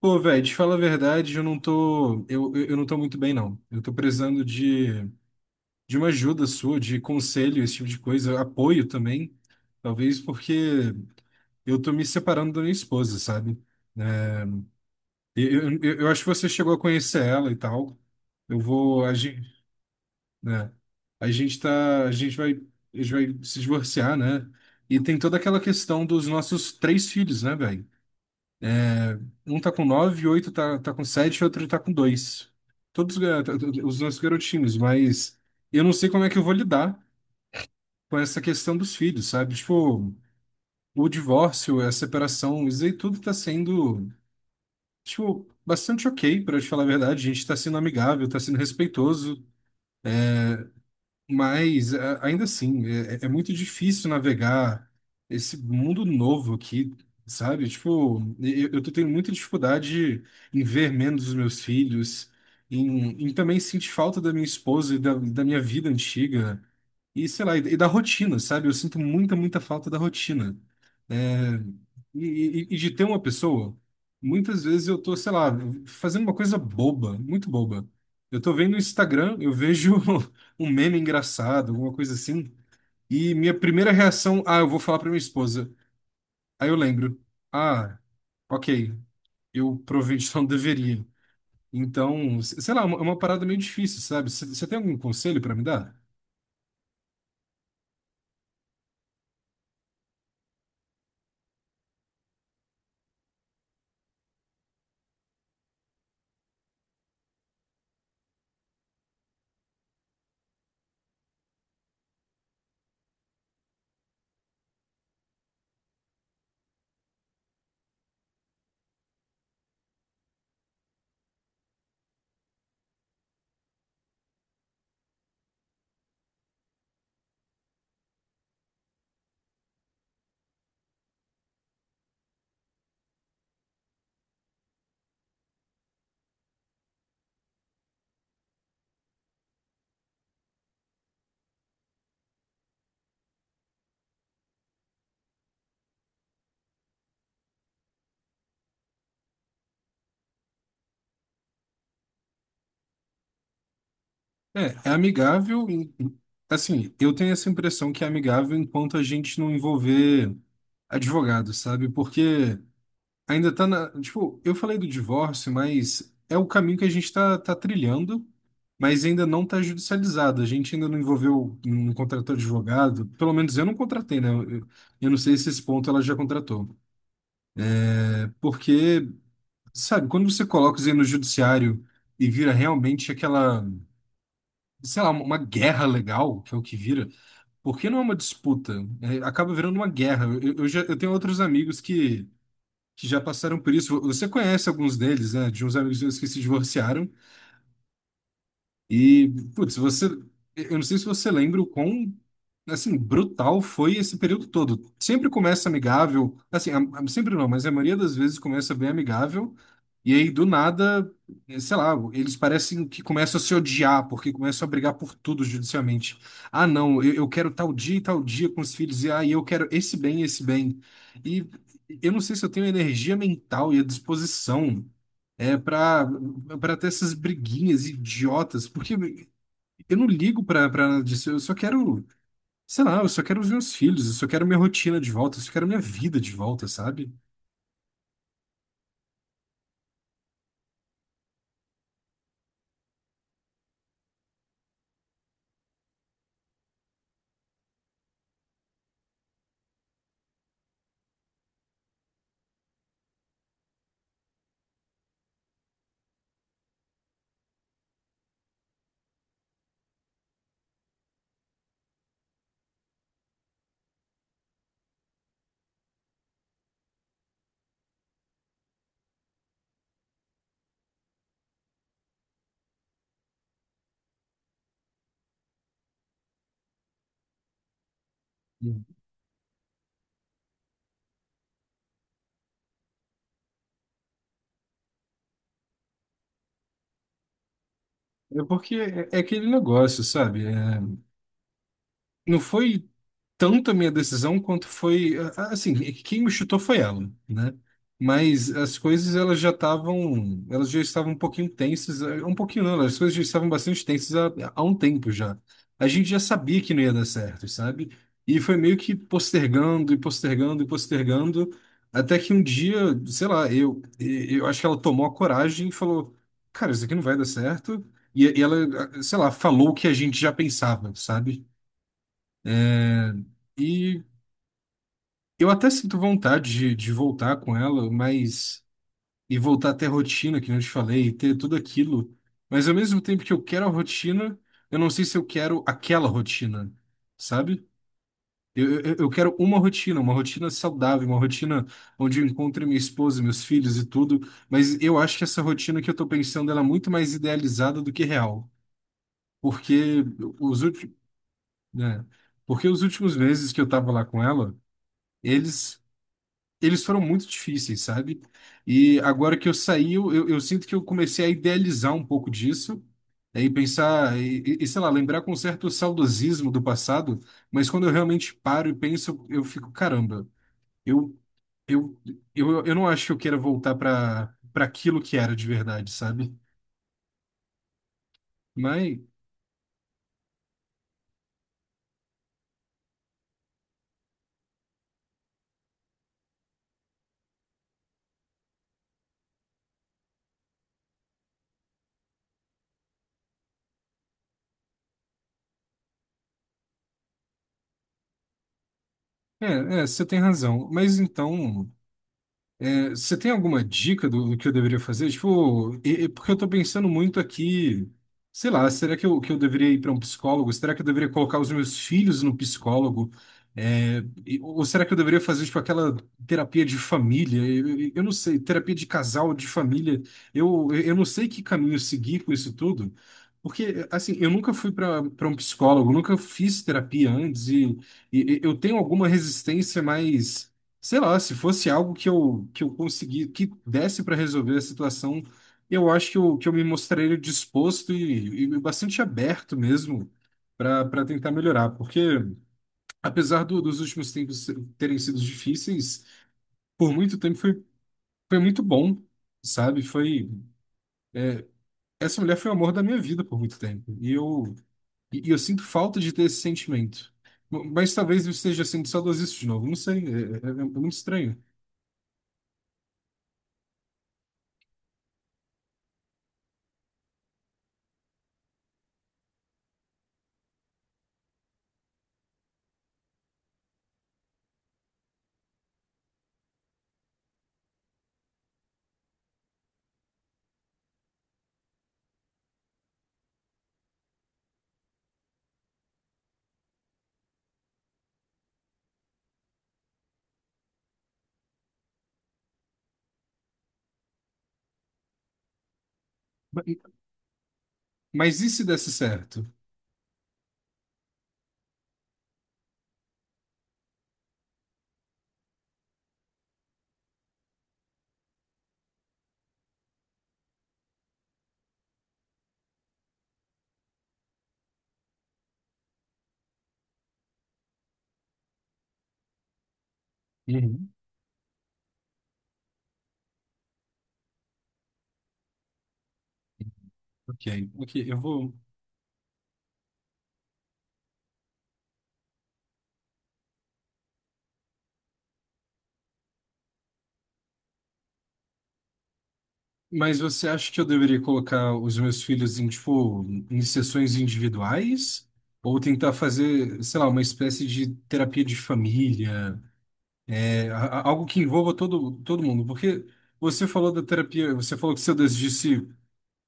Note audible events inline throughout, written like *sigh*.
Pô, velho, te falo a verdade, eu não tô muito bem, não. Eu tô precisando de uma ajuda sua, de conselho, esse tipo de coisa, apoio também, talvez porque eu tô me separando da minha esposa, sabe? É, Eu acho que você chegou a conhecer ela e tal. Eu vou, a gente, né? A gente tá, a gente vai se divorciar, né? E tem toda aquela questão dos nossos três filhos, né, velho? Um tá com 9, 8 tá com 7, outro tá com 2. Todos os nossos garotinhos, mas eu não sei como é que eu vou lidar com essa questão dos filhos, sabe? Tipo, o divórcio, a separação, isso aí tudo tá sendo, tipo, bastante ok, pra te falar a verdade. A gente tá sendo amigável, tá sendo respeitoso. Mas ainda assim, é muito difícil navegar esse mundo novo aqui, sabe? Tipo, eu tô tendo muita dificuldade em ver menos os meus filhos, em também sentir falta da minha esposa e da minha vida antiga, e sei lá, e da rotina, sabe? Eu sinto muita, muita falta da rotina. É, e de ter uma pessoa, muitas vezes eu tô, sei lá, fazendo uma coisa boba, muito boba. Eu tô vendo o Instagram, eu vejo *laughs* um meme engraçado, alguma coisa assim. E minha primeira reação, ah, eu vou falar pra minha esposa. Aí eu lembro, ah, ok, eu provavelmente *laughs* não deveria. Então, sei lá, é uma parada meio difícil, sabe? Você tem algum conselho pra me dar? É, é amigável, assim, eu tenho essa impressão que é amigável enquanto a gente não envolver advogado, sabe? Porque ainda tá na. Tipo, eu falei do divórcio, mas é o caminho que a gente tá, trilhando, mas ainda não tá judicializado. A gente ainda não envolveu, não contratou advogado. Pelo menos eu não contratei, né? Eu não sei se esse ponto ela já contratou. Porque, sabe, quando você coloca isso aí no judiciário e vira realmente aquela, sei lá, uma guerra legal, que é o que vira, porque não é uma disputa? É, acaba virando uma guerra. Eu tenho outros amigos que já passaram por isso. Você conhece alguns deles, né? De uns amigos meus que se divorciaram. E, putz, você, eu não sei se você lembra o quão, assim, brutal foi esse período todo. Sempre começa amigável, assim, sempre não, mas a maioria das vezes começa bem amigável, e aí do nada, sei lá, eles parecem que começam a se odiar, porque começam a brigar por tudo judicialmente. Ah, não, eu quero tal dia e tal dia com os filhos, e ah, e eu quero esse bem. E eu não sei se eu tenho a energia mental e a disposição é pra ter essas briguinhas idiotas, porque eu não ligo pra nada disso, eu só quero, sei lá, eu só quero os meus filhos, eu só quero minha rotina de volta, eu só quero minha vida de volta, sabe? É porque é aquele negócio, sabe? É, não foi tanto a minha decisão quanto foi, assim, quem me chutou foi ela, né? Mas as coisas elas já estavam um pouquinho tensas, um pouquinho não, né? As coisas já estavam bastante tensas há um tempo já. A gente já sabia que não ia dar certo, sabe? E foi meio que postergando e postergando e postergando, até que um dia, sei lá, eu acho que ela tomou a coragem e falou, cara, isso aqui não vai dar certo. E ela, sei lá, falou o que a gente já pensava, sabe? E eu até sinto vontade de voltar com ela, mas. E voltar a ter rotina, que nem eu te falei, e ter tudo aquilo. Mas ao mesmo tempo que eu quero a rotina, eu não sei se eu quero aquela rotina, sabe? Eu quero uma rotina saudável, uma rotina onde eu encontre minha esposa, meus filhos e tudo. Mas eu acho que essa rotina que eu tô pensando, ela é muito mais idealizada do que real. Porque os últimos, né? Porque os últimos meses que eu tava lá com ela, eles eles foram muito difíceis, sabe? E agora que eu saí, eu sinto que eu comecei a idealizar um pouco disso, aí pensar, e, sei lá, lembrar com certo saudosismo do passado, mas quando eu realmente paro e penso, eu fico, caramba, eu, eu, eu não acho que eu queira voltar para aquilo que era de verdade, sabe? Mas, é, é, você tem razão. Mas então. É, você tem alguma dica do que eu deveria fazer? Tipo, e porque eu tô pensando muito aqui, sei lá, será que eu deveria ir para um psicólogo? Será que eu deveria colocar os meus filhos no psicólogo? É, ou será que eu deveria fazer, tipo, aquela terapia de família? Eu não sei, terapia de casal, de família. Eu não sei que caminho seguir com isso tudo. Porque, assim, eu nunca fui para um psicólogo, nunca fiz terapia antes e eu tenho alguma resistência mais. Sei lá, se fosse algo que eu consegui, que desse para resolver a situação, eu acho que eu me mostraria disposto e bastante aberto mesmo para tentar melhorar. Porque, apesar dos últimos tempos terem sido difíceis, por muito tempo foi muito bom, sabe? Foi, essa mulher foi o amor da minha vida por muito tempo. E eu sinto falta de ter esse sentimento. Mas talvez eu esteja sendo saudosista de novo, não sei, é, é muito estranho. Mas e se desse certo? Uhum. Ok, ok, eu vou. Mas você acha que eu deveria colocar os meus filhos em, tipo, em sessões individuais? Ou tentar fazer, sei lá, uma espécie de terapia de família? É, algo que envolva todo mundo? Porque você falou da terapia, você falou que seu desiste.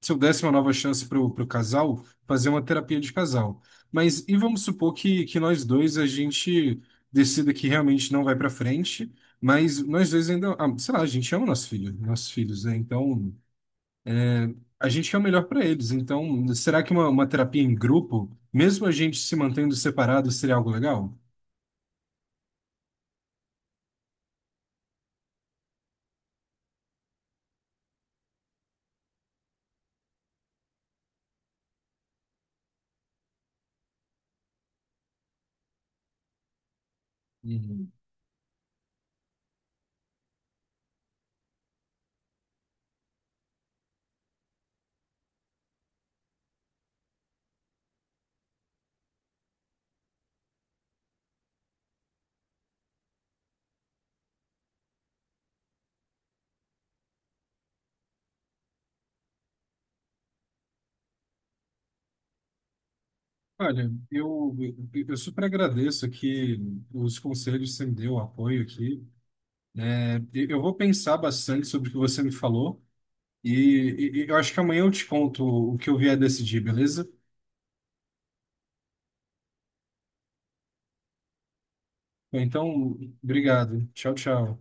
Se eu desse uma nova chance para o casal, fazer uma terapia de casal. Mas e vamos supor que nós dois a gente decida que realmente não vai para frente, mas nós dois ainda, ah, sei lá, a gente ama nosso filho, nossos filhos, né? Então a gente quer o melhor para eles. Então será que uma terapia em grupo, mesmo a gente se mantendo separado, seria algo legal? Uhum. Olha, eu super agradeço aqui os conselhos que você me deu, o apoio aqui. É, eu vou pensar bastante sobre o que você me falou e eu acho que amanhã eu te conto o que eu vier decidir, beleza? Então, obrigado. Tchau, tchau.